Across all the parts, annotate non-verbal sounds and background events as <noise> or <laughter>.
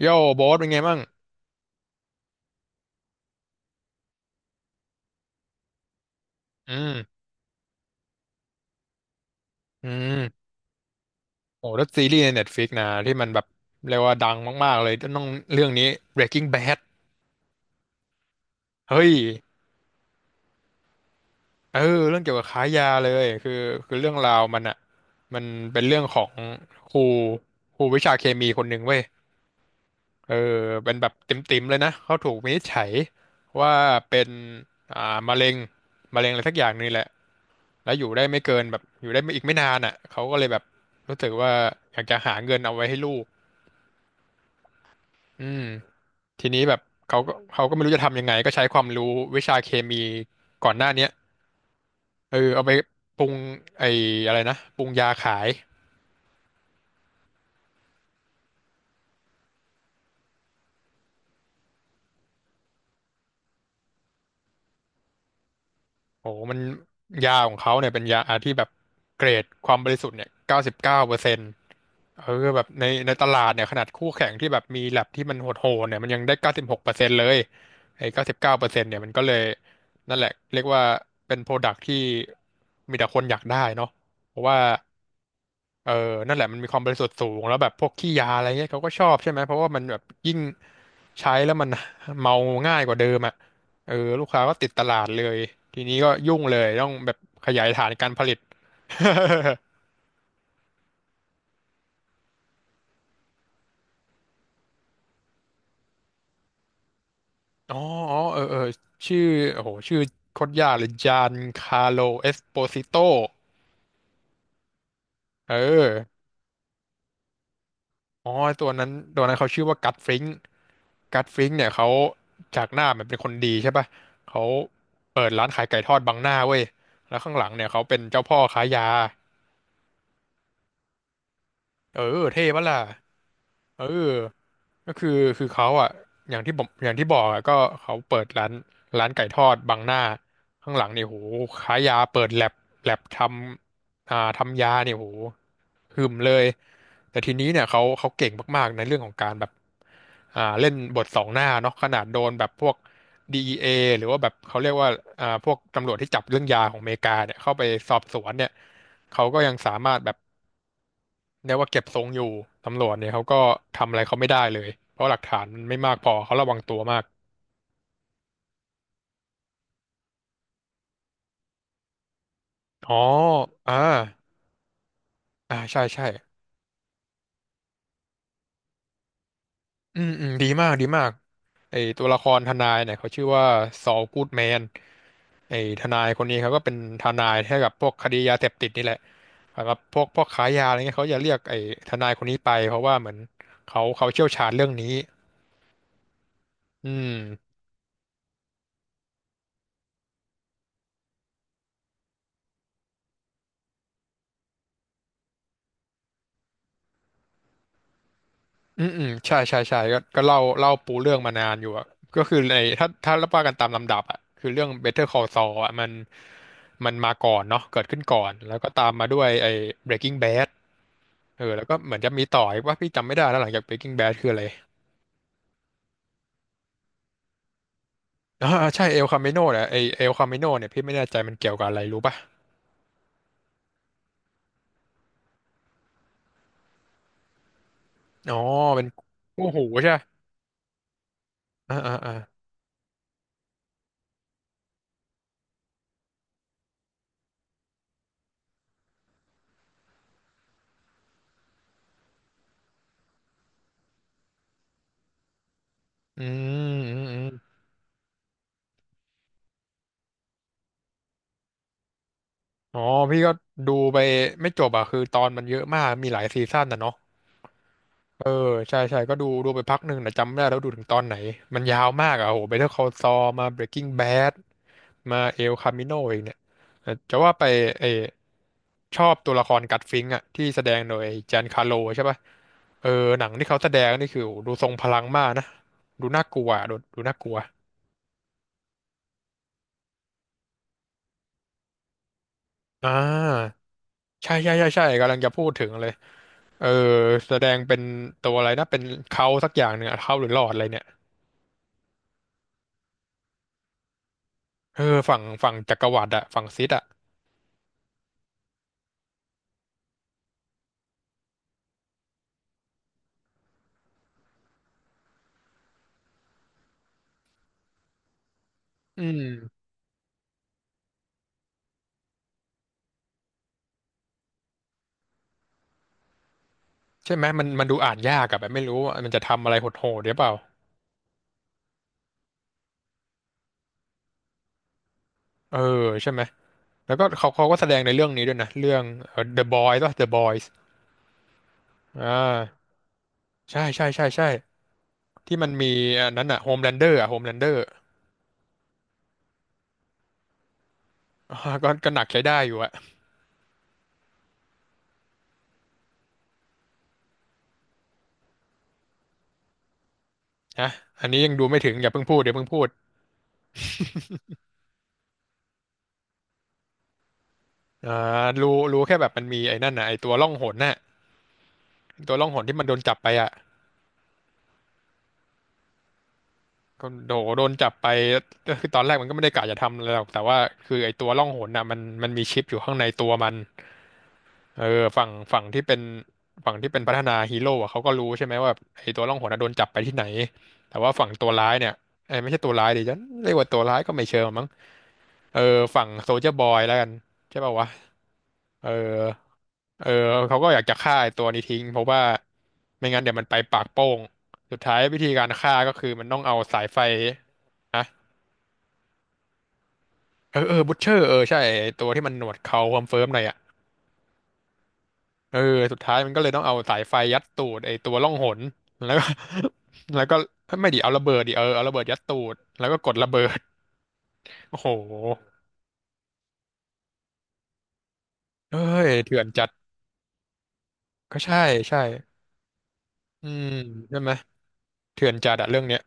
โย่โบ๊ทเป็นไงบ้างอืม อืม โอ้แล้วซีรีส์ใน Netflix นะที่มันแบบเรียกว่าดังมากๆเลย ต้องเรื่องนี้ Breaking Bad เฮ้ย เออเรื่องเกี่ยวกับค้ายาเลย คือเรื่องราวมันอ่ะมันเป็นเรื่องของครูครูวิชาเคมีคนหนึ่งเว้ย เออ เป็นแบบติ่มๆเลยนะ เขาถูกวินิจฉัยว่าเป็นอ่ามะเร็งมะเร็งอะไรสักอย่างนี่แหละแล้วอยู่ได้ไม่เกินแบบอยู่ได้ไม่อีกไม่นานอ่ะเขาก็เลยแบบรู้สึกว่าอยากจะหาเงินเอาไว้ให้ลูก อืมทีนี้แบบเขาก็ไม่รู้จะทำยังไงก็ใช้ความรู้วิชาเคมีก่อนหน้าเนี้ยเออเอาไปปรุงไอ้อะไรนะปรุงยาขายโอ้โหมันยาของเขาเนี่ยเป็นยาที่แบบเกรดความบริสุทธิ์เนี่ยเก้าสิบเก้าเปอร์เซ็นต์เออแบบในตลาดเนี่ยขนาดคู่แข่งที่แบบมีแลบที่มันโหดๆเนี่ยมันยังได้เก้าสิบหกเปอร์เซ็นต์เลยไอ้เก้าสิบเก้าเปอร์เซ็นต์เนี่ยมันก็เลยนั่นแหละเรียกว่าเป็นโปรดักที่มีแต่คนอยากได้เนาะเพราะว่า เออนั่นแหละมันมีความบริสุทธิ์สูงแล้วแบบพวกขี้ยาอะไรเงี้ยเขาก็ชอบใช่ไหมเพราะว่ามันแบบยิ่งใช้แล้วมัน <laughs> เมาง่ายกว่าเดิมอ่ะเออลูกค้าก็ติดตลาดเลยทีนี้ก็ยุ่งเลยต้องแบบขยายฐานการผลิตอ๋ออ๋อเออชื่อโอ้โหชื่อโคตรยากเลยจานคาร์โลเอสโปซิโตเอออ๋อตัวนั้นเขาชื่อว่ากัตฟริง กัตฟริงก์เนี่ยเขาจากหน้ามันเป็นคนดีใช่ป่ะเขาเปิดร้านขายไก่ทอดบังหน้าเว้ย แล้วข้างหลังเนี่ยเขาเป็นเจ้าพ่อค้ายา เออเท่ปะล่ะ เออก็คือเขาอ่ะอย่างที่บอกอ่ะก็เขาเปิดร้านไก่ทอดบังหน้าข้างหลังเนี่ยโหขายยาเปิดแลบทำอ่าทำยาเนี่ยโหหึมเลย แต่ทีนี้เนี่ยเขาเก่งมากๆในเรื่องของการแบบอ่าเล่นบทสองหน้าเนาะขนาดโดนแบบพวก DEA หรือว่าแบบเขาเรียกว่าอ่าพวกตำรวจที่จับเรื่องยาของอเมริกาเนี่ยเข้าไปสอบสวนเนี่ยเขาก็ยังสามารถแบบ เรียกว่าเก็บทรงอยู่ตำรวจเนี่ยเขาก็ทำอะไรเขาไม่ได้เลยเพราะหลักฐานมันไม่มากพอเขาระวังตัวมากอ๋ออ่าอ่าใช่อืมดีมากไอตัวละครทนายเนี่ยเขาชื่อว่าซอลกูดแมนไอทนายคนนี้เขาก็เป็นทนายให้กับพวกคดียาเสพติดนี่แหละสำหรับพวกค้ายาอะไรเงี้ยเขาจะเรียกไอทนายคนนี้ไปเพราะว่าเหมือนเขาเชี่ยวชาญเรื่องนี้อืม อืมอืมใช่ก็เล่าปูเรื่องมานานอยู่อะก็คือในถ้าว่ากันตามลำดับอะคือเรื่อง Better Call Saul อะมันมันมาก่อนเนาะเกิดขึ้นก่อนแล้วก็ตามมาด้วยไอ้ Breaking Bad เออแล้วก็เหมือนจะมีต่ออีกว่าพี่จำไม่ได้แล้วหลังจาก Breaking Bad คืออะไรอ่าใช่เอลคาเมโนแหละไอเอลคาเมโนเนี่ยพี่ไม่แน่ใจมันเกี่ยวกับอะไรรู้ป่ะอ๋อเป็นคู่หูใช่ปะอ่าอือืมอ๋อพี่ก็ดูไปไม่จบอะคือตอนมันเยอะมากมีหลายซีซั่นนะเนาะ เออใช่ก็ดูไปพักหนึ่งแต่จำไม่ได้แล้วดูถึงตอนไหนมันยาวมากอ่ะโห Better Call Saul มา Breaking Bad มา El Camino เองเนี่ยแต่จะว่าไปเออชอบตัวละครกัตฟิงค์อ่ะที่แสดงโดยจานคาโลใช่ป่ะเออหนังที่เขาแสดงนี่คือโหดูทรงพลังมากนะดูน่ากลัวอะดูน่ากลัวอ่าใช่กำลังจะพูดถึงเลยเออแสดงเป็นตัวอะไรนะเป็นเขาสักอย่างหนึ่งอะเขาหรือหลอดอะไรเนี่ยเออฝั่งจักรวรรดิอะฝั่งซิสอะอืม ใช่ไหมมันดูอ่านยากอะแบบไม่รู้ว่ามันจะทำอะไรโหดๆหรือเปล่าเออใช่ไหมแล้วก็เขาก็แสดงในเรื่องนี้ด้วยนะเรื่องเอ่อ The Boys ป่ะ The Boys อ่าใช่ที่มันมีอันนั้นอะ Homelander อะ Homelander อ่าก็หนักใช้ได้อยู่อะนะอันนี้ยังดูไม่ถึงอย่าเพิ่งพูดเดี๋ยวเพิ่งพูดอ่ารู้แค่แบบมันมีไอ้นั่นนะไอ้ตัวล่องหนน่ะตัวล่องหนที่มันโดนจับไปอะก็โดโดนจับไปก็คือตอนแรกมันก็ไม่ได้กะจะทำอะไรหรอกแต่ว่าคือไอ้ตัวล่องหนน่ะมันมีชิปอยู่ข้างในตัวมัน เออฝั่งที่เป็นฝั่งที่เป็นพัฒนาฮีโร่อะเขาก็รู้ใช่ไหมว่าแบบไอ้ตัวล่องหนอะโดนจับไปที่ไหนแต่ว่าฝั่งตัวร้ายเนี่ยไอ้ยไม่ใช่ตัวร้ายดิฉันเรียกว่าตัวร้ายก็ไม่เชิงมั้งเออฝั่งโซลเจอร์บอยแล้วกันใช่ป่าวะเออเออเขาก็อยากจะฆ่าไอ้ตัวนี้ทิ้งเพราะว่าไม่งั้นเดี๋ยวมันไปปากโป้งสุดท้ายวิธีการฆ่าก็คือมันต้องเอาสายไฟนะเออเออบุชเชอร์เออใช่ไอ้ตัวที่มันหนวดเขาคอนเฟิร์มหน่อยอะ เออสุดท้ายมันก็เลยต้องเอาสายไฟยัดตูดไอ้ตัวล่องหนแล้วก็ <laughs> แล้วก็ไม่ดิเอาระเบิดดิเอาระเบิดยัดตูดแล้วก็กดระเบิดโอ้โหเอ้ยเถื่อนจัดก็ใช่ใช่อืมใช่ไหมเถื่อนจัดอะเรื่องเนี้ย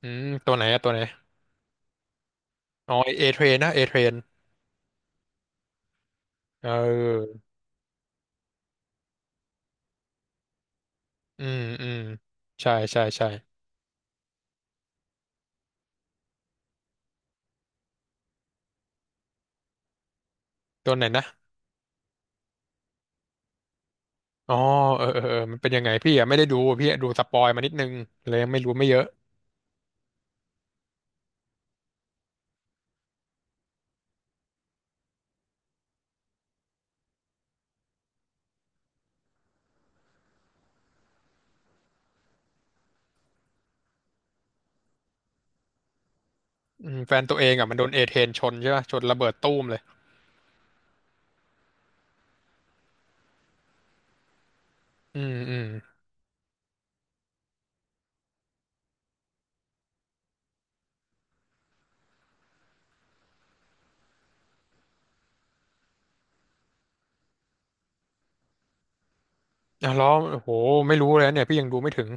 อืมตัวไหนอะตัวไหนอ๋อเอเทรนนะเอเทรนเอออืมอืมใช่ใช่ใช่ตัวไหนนะอ๋อเออเออเออมันเป็นยังไงพี่อะไม่ได้ดูพี่อะดูสปอยมานิดนึงเลยไม่รู้ไม่เยอะอืมแฟนตัวเองอะมันโดนเอเทรนชนใช่ปะชนระเบิดตู้มเลยอืมอืม อ่ะแล้วโอ้โหไม่รู้เลยนะเนี่ย พี่ยังดูไม่ถึง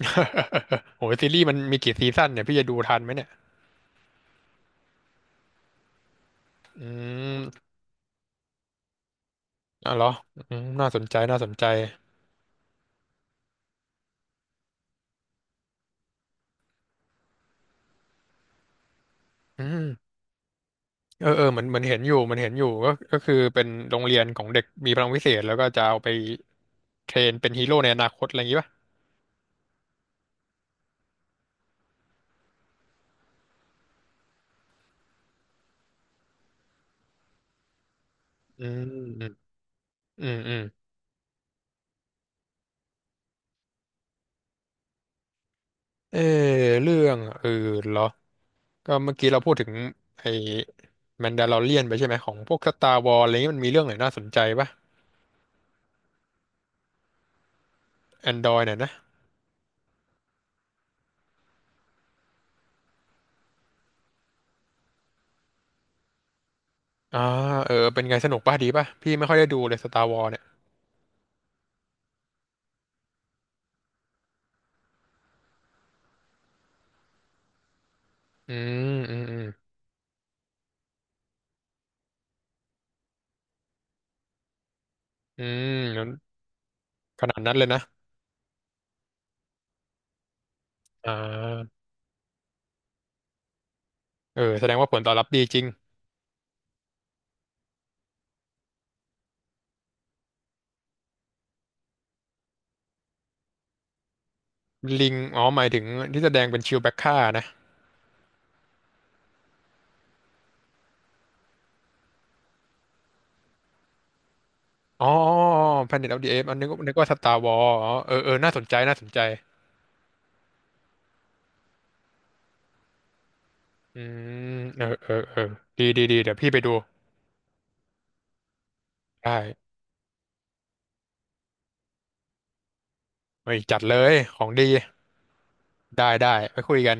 <laughs> โอ้หซีรีส์มันมีกี่ซีซั่นเนี่ยพี่จะดูทันไหมเนี่ยอืมอ่ะเหรออืมน่าสนใจ น่าสนใจอืมเออเออเหมือนเหมือนเห็นอยู่มันเห็นอยู่ ก็คือเป็นโรงเรียนของเด็กมีพลังวิเศษแล้วก็จะเอาไปเทรนเป็นฮีโร่ในอนาคตอะไรอย่างงี้ป่ะอืมอืมอืมเออเรื่องอื่นเหรอก็เมื่อกี้เราพูดถึงไอ้แมนดาลอเรียนไปใช่ไหมของพวกสตาร์วอลอะไรนี้มันมีเรื่องไหนน่าสนใจป่ะแอนดรอยเนี่ยนะ อ่าเออเป็นไงสนุกป่ะดีป่ะพี่ไม่ค่อยได้ดูเลยสตาร์วอ s เนี่ย อืม อืมอืมอืมงั้นขนาดนั้นเลยนะอ่าเออแสดงว่าผลตอบรับดีจริง ลิงอ๋อหมายถึงที่แสดงเป็นชิวแบ็คค่านะอ๋อ Planet of the Apes อันนึกว่าสตาร์วอ s อ๋อเออเออ น่าสนใจน่าสนใจ อืมเออเออเออดีดีดีเดี๋ยวพี่ไปดู ได้เฮ้ยจัดเลยของดีได้ได้ไปคุยกัน